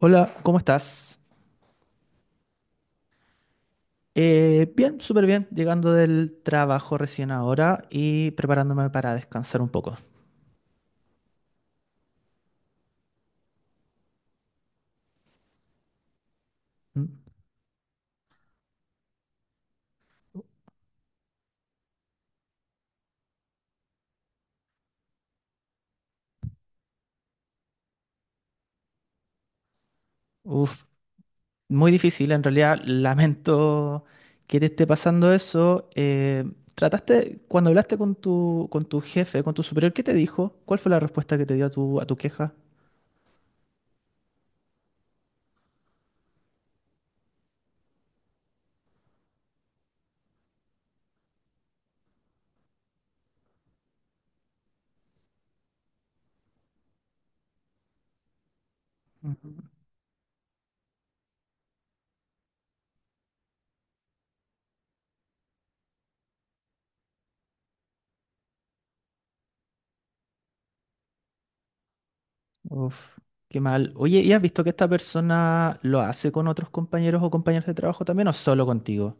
Hola, ¿cómo estás? Bien, súper bien, llegando del trabajo recién ahora y preparándome para descansar un poco. Mm. Uf, muy difícil, en realidad lamento que te esté pasando eso. ¿Trataste, cuando hablaste con tu jefe, con tu superior, qué te dijo? ¿Cuál fue la respuesta que te dio a tu queja? Ujú. Uf, qué mal. Oye, ¿y has visto que esta persona lo hace con otros compañeros o compañeras de trabajo también o solo contigo?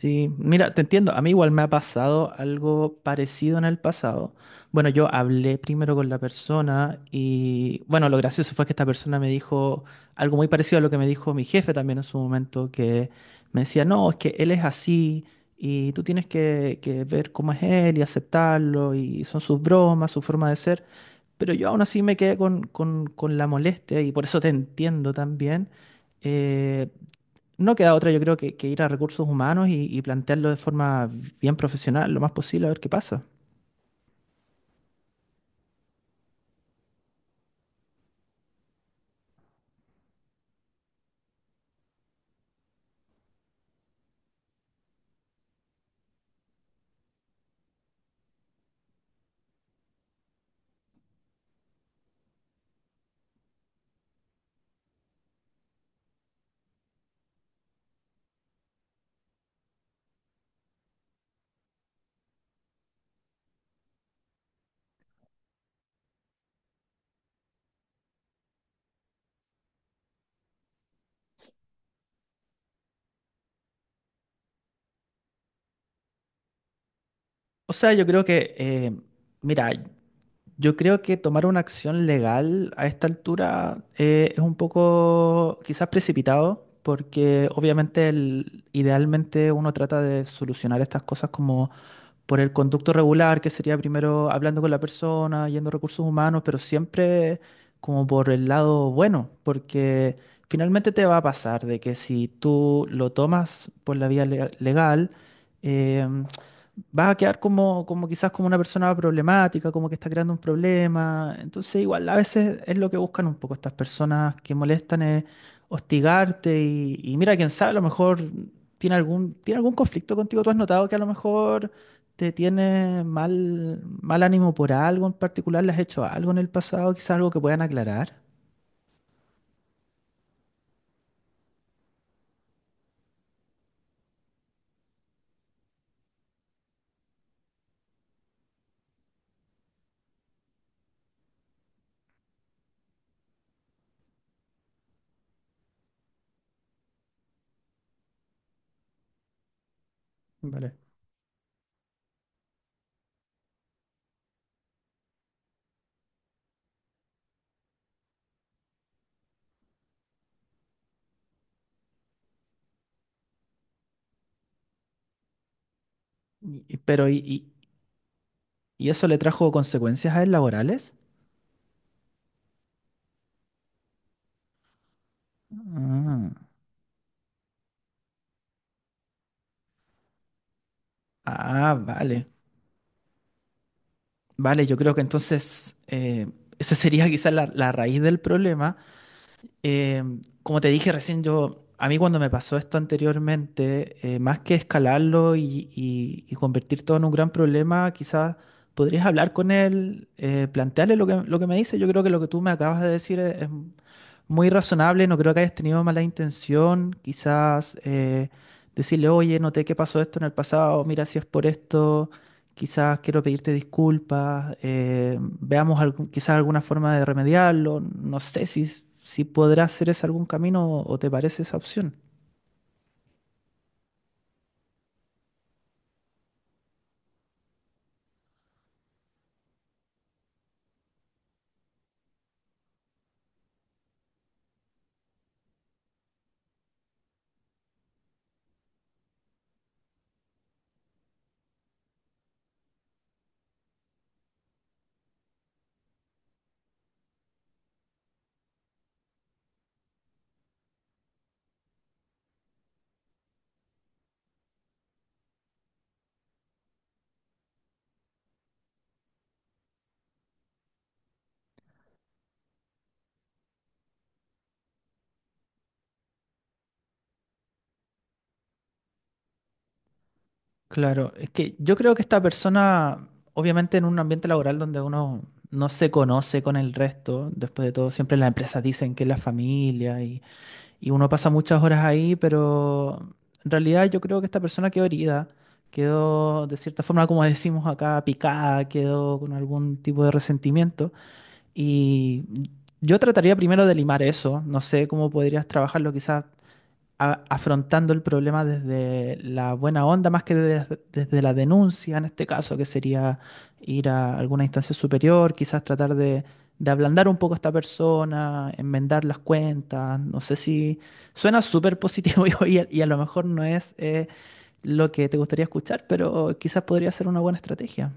Sí, mira, te entiendo. A mí igual me ha pasado algo parecido en el pasado. Bueno, yo hablé primero con la persona y bueno, lo gracioso fue que esta persona me dijo algo muy parecido a lo que me dijo mi jefe también en su momento, que me decía, no, es que él es así y tú tienes que ver cómo es él y aceptarlo y son sus bromas, su forma de ser. Pero yo aún así me quedé con la molestia y por eso te entiendo también. eh, no queda otra, yo creo, que ir a recursos humanos y plantearlo de forma bien profesional, lo más posible, a ver qué pasa. O sea, yo creo que, mira, yo creo que tomar una acción legal a esta altura es un poco quizás precipitado, porque obviamente idealmente uno trata de solucionar estas cosas como por el conducto regular, que sería primero hablando con la persona, yendo a recursos humanos, pero siempre como por el lado bueno, porque finalmente te va a pasar de que si tú lo tomas por la vía legal, eh, vas a quedar como, como quizás como una persona problemática, como que está creando un problema. Entonces, igual a veces es lo que buscan un poco estas personas que molestan, es hostigarte y mira, quién sabe, a lo mejor ¿tiene algún conflicto contigo? ¿Tú has notado que a lo mejor te tiene mal ánimo por algo en particular? ¿Le has hecho algo en el pasado? Quizás algo que puedan aclarar. Vale. Pero, ¿y eso le trajo consecuencias a él laborales? Ah. Ah, vale. Vale, yo creo que entonces esa sería quizás la raíz del problema. Eh, Como te dije recién, yo, a mí cuando me pasó esto anteriormente, más que escalarlo y, y convertir todo en un gran problema, quizás podrías hablar con él, plantearle lo que me dice. Yo creo que lo que tú me acabas de decir es muy razonable, no creo que hayas tenido mala intención. Quizás decirle, oye, noté que pasó esto en el pasado, mira si es por esto quizás quiero pedirte disculpas, veamos quizás alguna forma de remediarlo, no sé si, si podrás hacer ese algún camino o te parece esa opción. Claro, es que yo creo que esta persona, obviamente en un ambiente laboral donde uno no se conoce con el resto, después de todo, siempre las empresas dicen que es la familia y uno pasa muchas horas ahí, pero en realidad yo creo que esta persona quedó herida, quedó de cierta forma, como decimos acá, picada, quedó con algún tipo de resentimiento. Y yo trataría primero de limar eso. No sé cómo podrías trabajarlo, quizás afrontando el problema desde la buena onda más que desde la denuncia, en este caso, que sería ir a alguna instancia superior, quizás tratar de ablandar un poco a esta persona, enmendar las cuentas. No sé si suena súper positivo y, y a lo mejor no es lo que te gustaría escuchar, pero quizás podría ser una buena estrategia.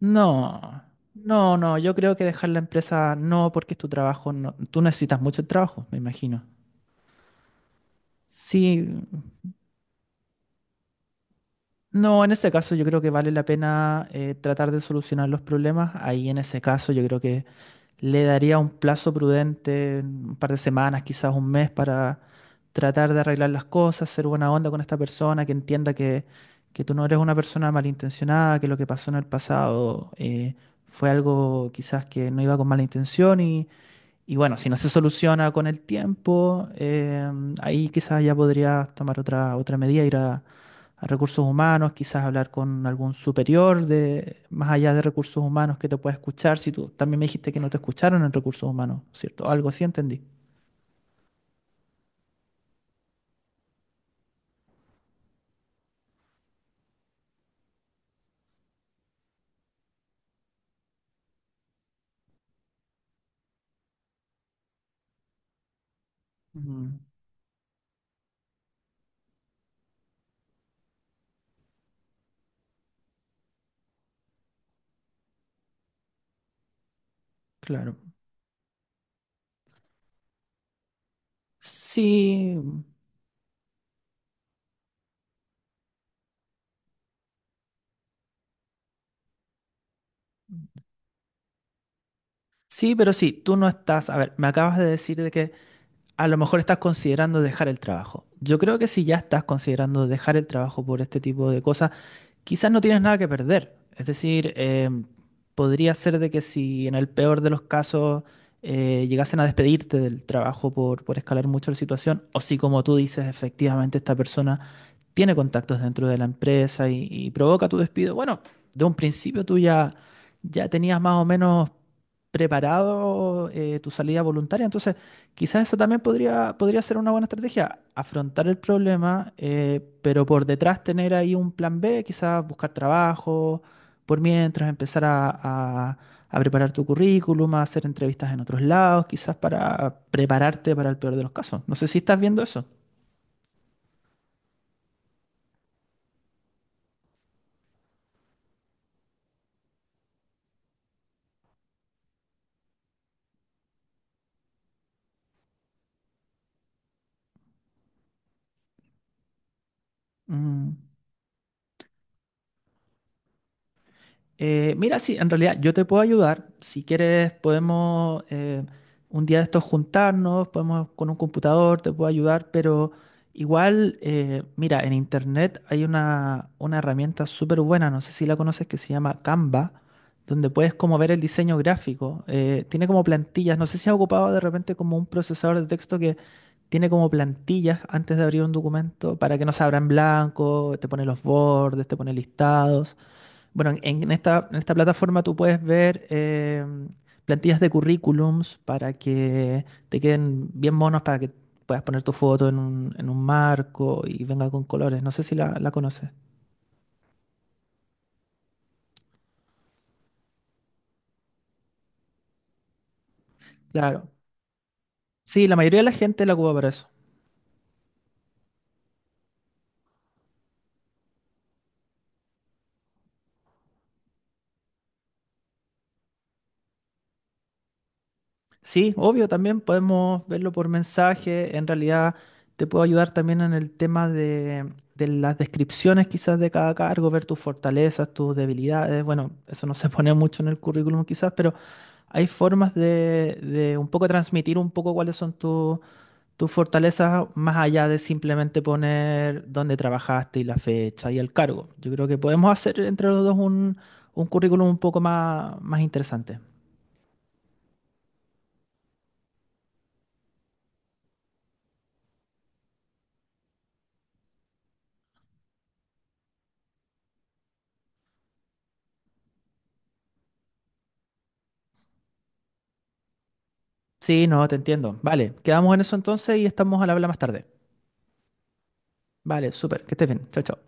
No, no, no, yo creo que dejar la empresa no, porque es tu trabajo, no, tú necesitas mucho el trabajo, me imagino. Sí, no, en ese caso yo creo que vale la pena tratar de solucionar los problemas. Ahí en ese caso yo creo que le daría un plazo prudente, un par de semanas, quizás un mes, para tratar de arreglar las cosas, ser buena onda con esta persona, que entienda que tú no eres una persona malintencionada, que lo que pasó en el pasado fue algo quizás que no iba con mala intención. Y bueno, si no se soluciona con el tiempo, ahí quizás ya podrías tomar otra medida, ir a recursos humanos, quizás hablar con algún superior de, más allá de recursos humanos que te pueda escuchar. Si tú también me dijiste que no te escucharon en recursos humanos, ¿cierto? Algo así entendí. Mm, claro. Sí, sí, pero sí, tú no estás. A ver, me acabas de decir de que a lo mejor estás considerando dejar el trabajo. Yo creo que si ya estás considerando dejar el trabajo por este tipo de cosas, quizás no tienes nada que perder. Es decir, podría ser de que si en el peor de los casos llegasen a despedirte del trabajo por escalar mucho la situación, o si como tú dices, efectivamente esta persona tiene contactos dentro de la empresa y provoca tu despido, bueno, de un principio tú ya tenías más o menos preparado tu salida voluntaria, entonces... Quizás esa también podría ser una buena estrategia, afrontar el problema, pero por detrás tener ahí un plan B, quizás buscar trabajo, por mientras empezar a, a- a preparar tu currículum, a hacer entrevistas en otros lados, quizás para prepararte para el peor de los casos. No sé si estás viendo eso. Mm. Mira, sí, en realidad yo te puedo ayudar. Si quieres, podemos un día de estos juntarnos, podemos con un computador, te puedo ayudar, pero igual, mira, en internet hay una herramienta súper buena, no sé si la conoces, que se llama Canva, donde puedes como ver el diseño gráfico. Tiene como plantillas, no sé si has ocupado de repente como un procesador de texto que tiene como plantillas antes de abrir un documento para que no se abra en blanco, te pone los bordes, te pone listados. Bueno, en esta plataforma tú puedes ver plantillas de currículums para que te queden bien monos, para que puedas poner tu foto en un marco y venga con colores. No sé si la conoces. Claro. Sí, la mayoría de la gente la ocupa para eso. Sí, obvio, también podemos verlo por mensaje. En realidad, te puedo ayudar también en el tema de las descripciones quizás de cada cargo, ver tus fortalezas, tus debilidades. Bueno, eso no se pone mucho en el currículum quizás, pero hay formas de un poco transmitir un poco cuáles son tus fortalezas más allá de simplemente poner dónde trabajaste y la fecha y el cargo. Yo creo que podemos hacer entre los dos un currículum un poco más, más interesante. Sí, no, te entiendo. Vale, quedamos en eso entonces y estamos al habla más tarde. Vale, súper, que estés bien. Chao, chao.